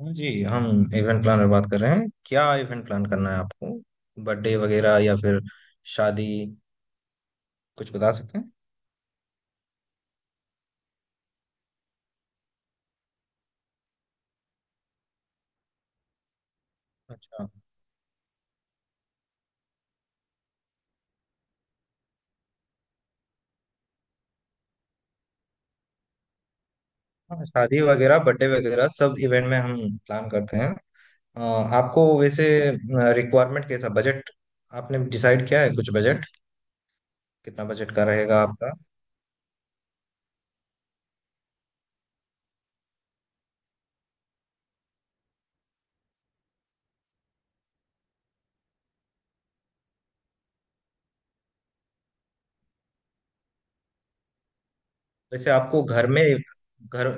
हाँ जी, हम इवेंट प्लानर बात कर रहे हैं। क्या इवेंट प्लान करना है आपको? बर्थडे वगैरह या फिर शादी, कुछ बता सकते हैं? अच्छा। हाँ, शादी वगैरह बर्थडे वगैरह सब इवेंट में हम प्लान करते हैं। अ, आपको वैसे रिक्वायरमेंट, कैसा बजट आपने डिसाइड किया है? कुछ बजट, कितना बजट का रहेगा आपका? वैसे आपको घर में, घर,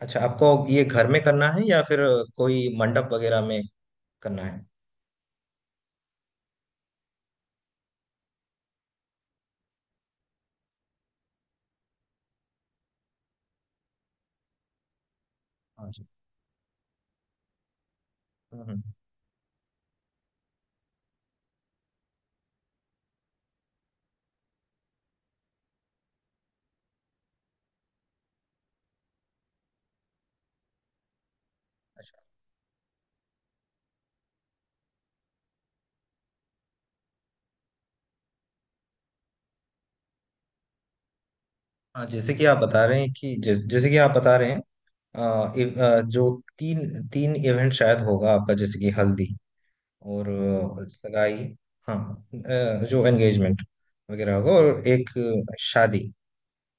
अच्छा आपको ये घर में करना है या फिर कोई मंडप वगैरह में करना है? हाँ जी। हम्म, हम्म। हाँ, जैसे कि आप बता रहे हैं कि जैसे कि आप बता रहे हैं जो तीन तीन इवेंट शायद होगा आपका, जैसे कि हल्दी और सगाई, हाँ, जो एंगेजमेंट वगैरह होगा, और एक शादी।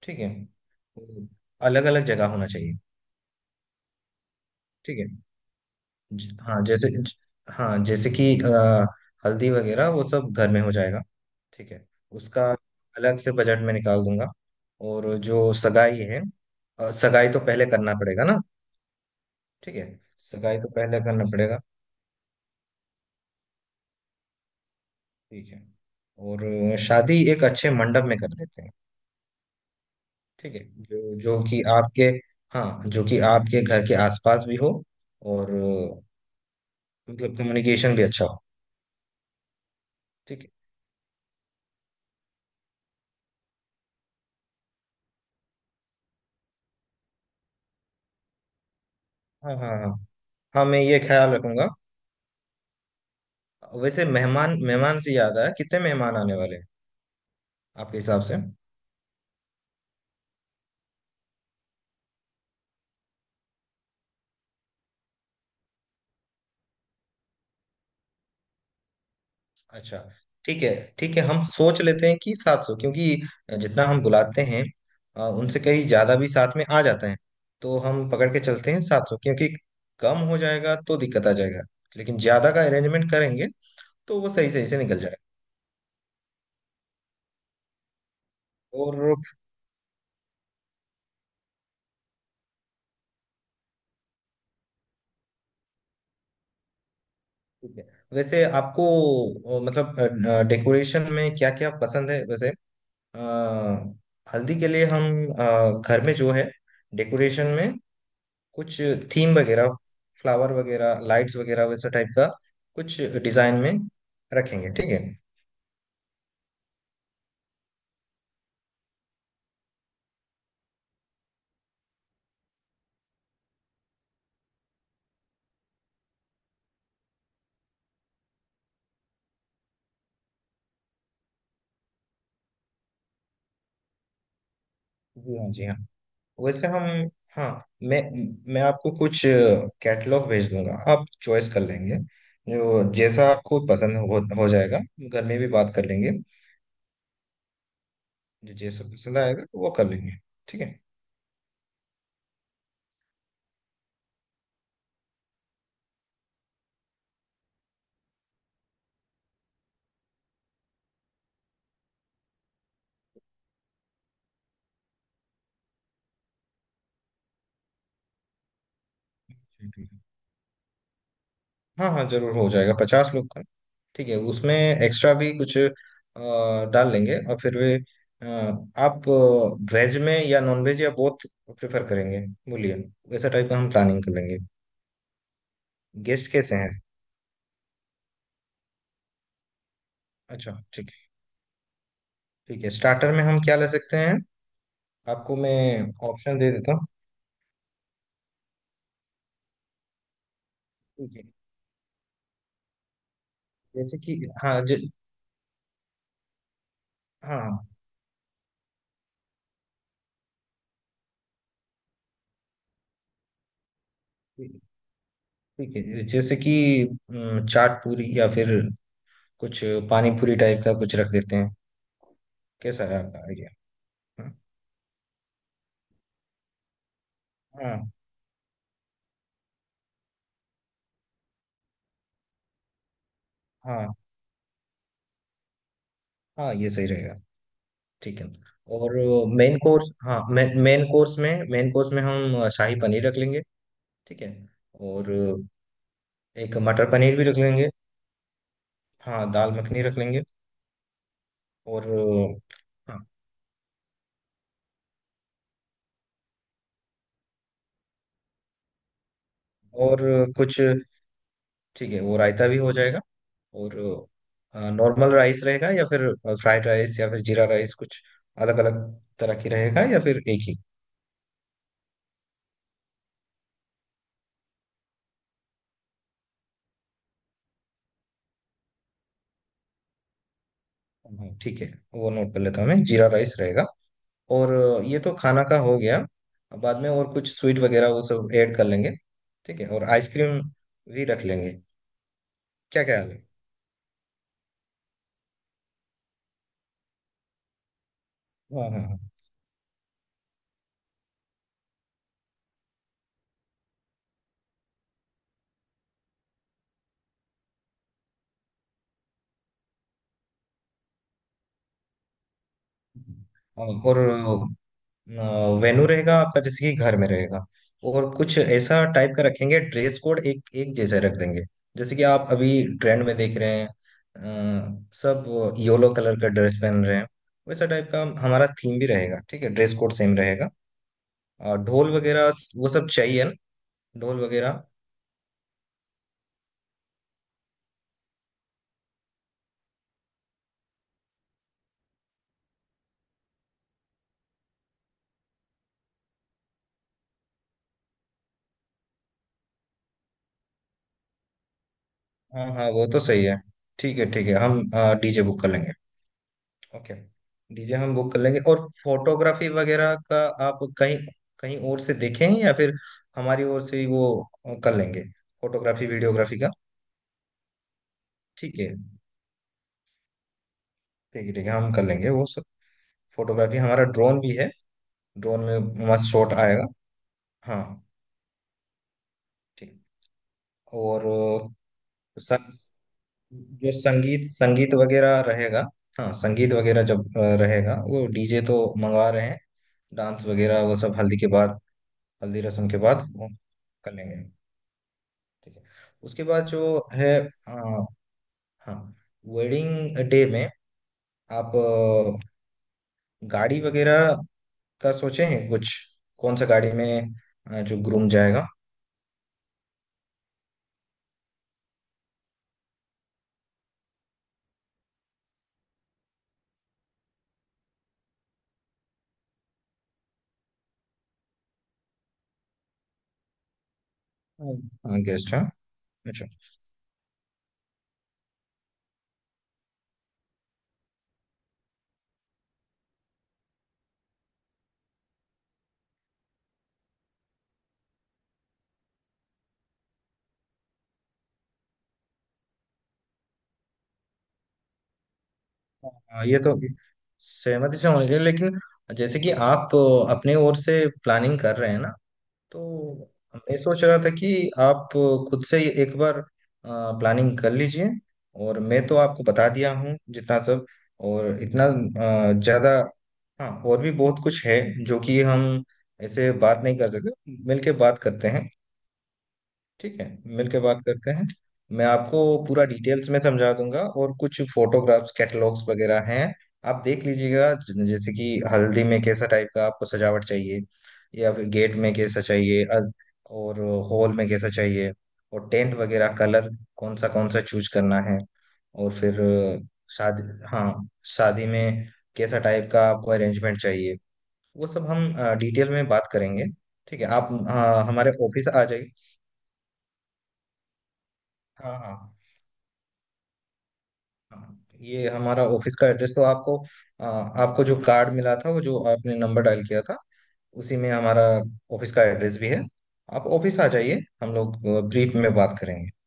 ठीक है। अलग अलग जगह होना चाहिए। ठीक है। हाँ जैसे हाँ जैसे कि हल्दी वगैरह वो सब घर में हो जाएगा। ठीक है। उसका अलग से बजट में निकाल दूंगा, और जो सगाई है, सगाई तो पहले करना पड़ेगा ना। ठीक है। सगाई तो पहले करना पड़ेगा। ठीक है। और शादी एक अच्छे मंडप में कर देते हैं। ठीक है। जो जो कि आपके, हाँ, जो कि आपके घर के आसपास भी हो, और मतलब कम्युनिकेशन भी अच्छा हो। ठीक है। हाँ, हाँ, हाँ। हाँ, मैं ये ख्याल रखूंगा। वैसे मेहमान, मेहमान से याद आया, कितने मेहमान आने वाले हैं आपके हिसाब से? अच्छा। ठीक है। ठीक है, हम सोच लेते हैं कि 700, क्योंकि जितना हम बुलाते हैं उनसे कहीं ज्यादा भी साथ में आ जाते हैं। तो हम पकड़ के चलते हैं 700, क्योंकि कम हो जाएगा तो दिक्कत आ जाएगा। लेकिन ज्यादा का अरेंजमेंट करेंगे तो वो सही सही से निकल जाएगा। और ठीक है। वैसे आपको मतलब डेकोरेशन में क्या क्या पसंद है वैसे? अ, हल्दी के लिए हम घर में जो है डेकोरेशन में कुछ थीम वगैरह, फ्लावर वगैरह, लाइट्स वगैरह, वैसा टाइप का कुछ डिजाइन में रखेंगे, ठीक है। जी हाँ, जी हाँ। वैसे हम, हाँ, मैं मैं आपको कुछ कैटलॉग भेज दूंगा, आप चॉइस कर लेंगे, जो जैसा आपको पसंद हो जाएगा। घर में भी बात कर लेंगे। जो जैसा पसंद आएगा वो कर लेंगे। ठीक है। ठीक है। हाँ हाँ, जरूर हो जाएगा 50 लोग का। ठीक है, उसमें एक्स्ट्रा भी कुछ डाल लेंगे। और फिर वे, अ, आप वेज में या नॉन वेज या बोथ प्रेफर करेंगे, बोलिए। वैसा टाइप का हम प्लानिंग कर लेंगे। गेस्ट कैसे हैं? अच्छा, ठीक है। ठीक है, स्टार्टर में हम क्या ले सकते हैं? आपको मैं ऑप्शन दे देता हूँ। ठीक है, जैसे कि, हाँ हाँ ठीक ठीक है, जैसे कि चाट पूरी या फिर कुछ पानी पूरी टाइप का कुछ रख देते हैं, कैसा है आपका आइडिया? हाँ। हाँ। हाँ हाँ, ये सही रहेगा। ठीक है। और मेन कोर्स, हाँ, मेन कोर्स में, मेन कोर्स में हम शाही पनीर रख लेंगे। ठीक है। और एक मटर पनीर भी रख लेंगे। हाँ, दाल मखनी रख लेंगे। और हाँ। और कुछ, ठीक है, वो रायता भी हो जाएगा। और नॉर्मल राइस रहेगा या फिर फ्राइड राइस या फिर जीरा राइस, कुछ अलग अलग तरह की रहेगा या फिर एक ही? हाँ, ठीक है। वो नोट कर लेता हूँ मैं, जीरा राइस रहेगा। और ये तो खाना का हो गया। अब बाद में और कुछ स्वीट वगैरह वो सब ऐड कर लेंगे। ठीक है, और आइसक्रीम भी रख लेंगे, क्या ख्याल है? हाँ, हाँ, हाँ। हाँ, और वेन्यू रहेगा आपका जैसे कि घर में रहेगा, और कुछ ऐसा टाइप का रखेंगे, ड्रेस कोड एक एक जैसा रख देंगे। जैसे कि आप अभी ट्रेंड में देख रहे हैं, सब येलो कलर का ड्रेस पहन रहे हैं। वैसा टाइप का हमारा थीम भी रहेगा, ठीक है, ड्रेस कोड सेम रहेगा। और ढोल वगैरह वो सब चाहिए ना, ढोल वगैरह? हाँ हाँ, वो तो सही है। ठीक है, ठीक है, हम डीजे बुक कर लेंगे। ओके। डीजे हम बुक कर लेंगे, और फोटोग्राफी वगैरह का आप कहीं, कहीं और से देखें या फिर हमारी ओर से ही वो कर लेंगे, फोटोग्राफी वीडियोग्राफी का। ठीक है। ठीक है, ठीक है, हम कर लेंगे वो सब। फोटोग्राफी, हमारा ड्रोन भी है, ड्रोन में मस्त शॉट आएगा। हाँ। ठीक। और अ, सा- जो संगीत, संगीत वगैरह रहेगा। हाँ, संगीत वगैरह जब रहेगा, वो डीजे तो मंगवा रहे हैं, डांस वगैरह वो सब हल्दी के बाद, हल्दी रस्म के बाद वो कर लेंगे, ठीक है। उसके बाद जो है अ, हाँ, वेडिंग डे में आप गाड़ी वगैरह का सोचे हैं कुछ? कौन सा गाड़ी में जो ग्रूम जाएगा? हाँ, गेस्ट, हाँ guest, हाँ? अच्छा। हाँ, ये तो सहमति से होनी चाहिए, लेकिन जैसे कि आप अपने ओर से प्लानिंग कर रहे हैं ना, तो मैं सोच रहा था कि आप खुद से ही एक बार प्लानिंग कर लीजिए, और मैं तो आपको बता दिया हूँ जितना सब, और इतना ज्यादा। हाँ, और भी बहुत कुछ है जो कि हम ऐसे बात नहीं कर सकते, मिलके बात करते हैं। ठीक है। मिलकर बात करते हैं। मैं आपको पूरा डिटेल्स में समझा दूंगा, और कुछ फोटोग्राफ्स कैटलॉग्स वगैरह हैं, आप देख लीजिएगा, जैसे कि हल्दी में कैसा टाइप का आपको सजावट चाहिए, या फिर गेट में कैसा चाहिए और हॉल में कैसा चाहिए, और टेंट वगैरह कलर कौन सा चूज करना है। और फिर शादी, हाँ, शादी में कैसा टाइप का आपको अरेंजमेंट चाहिए, वो सब हम डिटेल में बात करेंगे। ठीक है, आप हमारे ऑफिस आ जाइए। हाँ हाँ। हाँ, ये हमारा ऑफिस का एड्रेस तो आपको, आपको जो कार्ड मिला था, वो जो आपने नंबर डायल किया था, उसी में हमारा ऑफिस का एड्रेस भी है। आप ऑफिस आ जाइए, हम लोग ब्रीफ में बात करेंगे।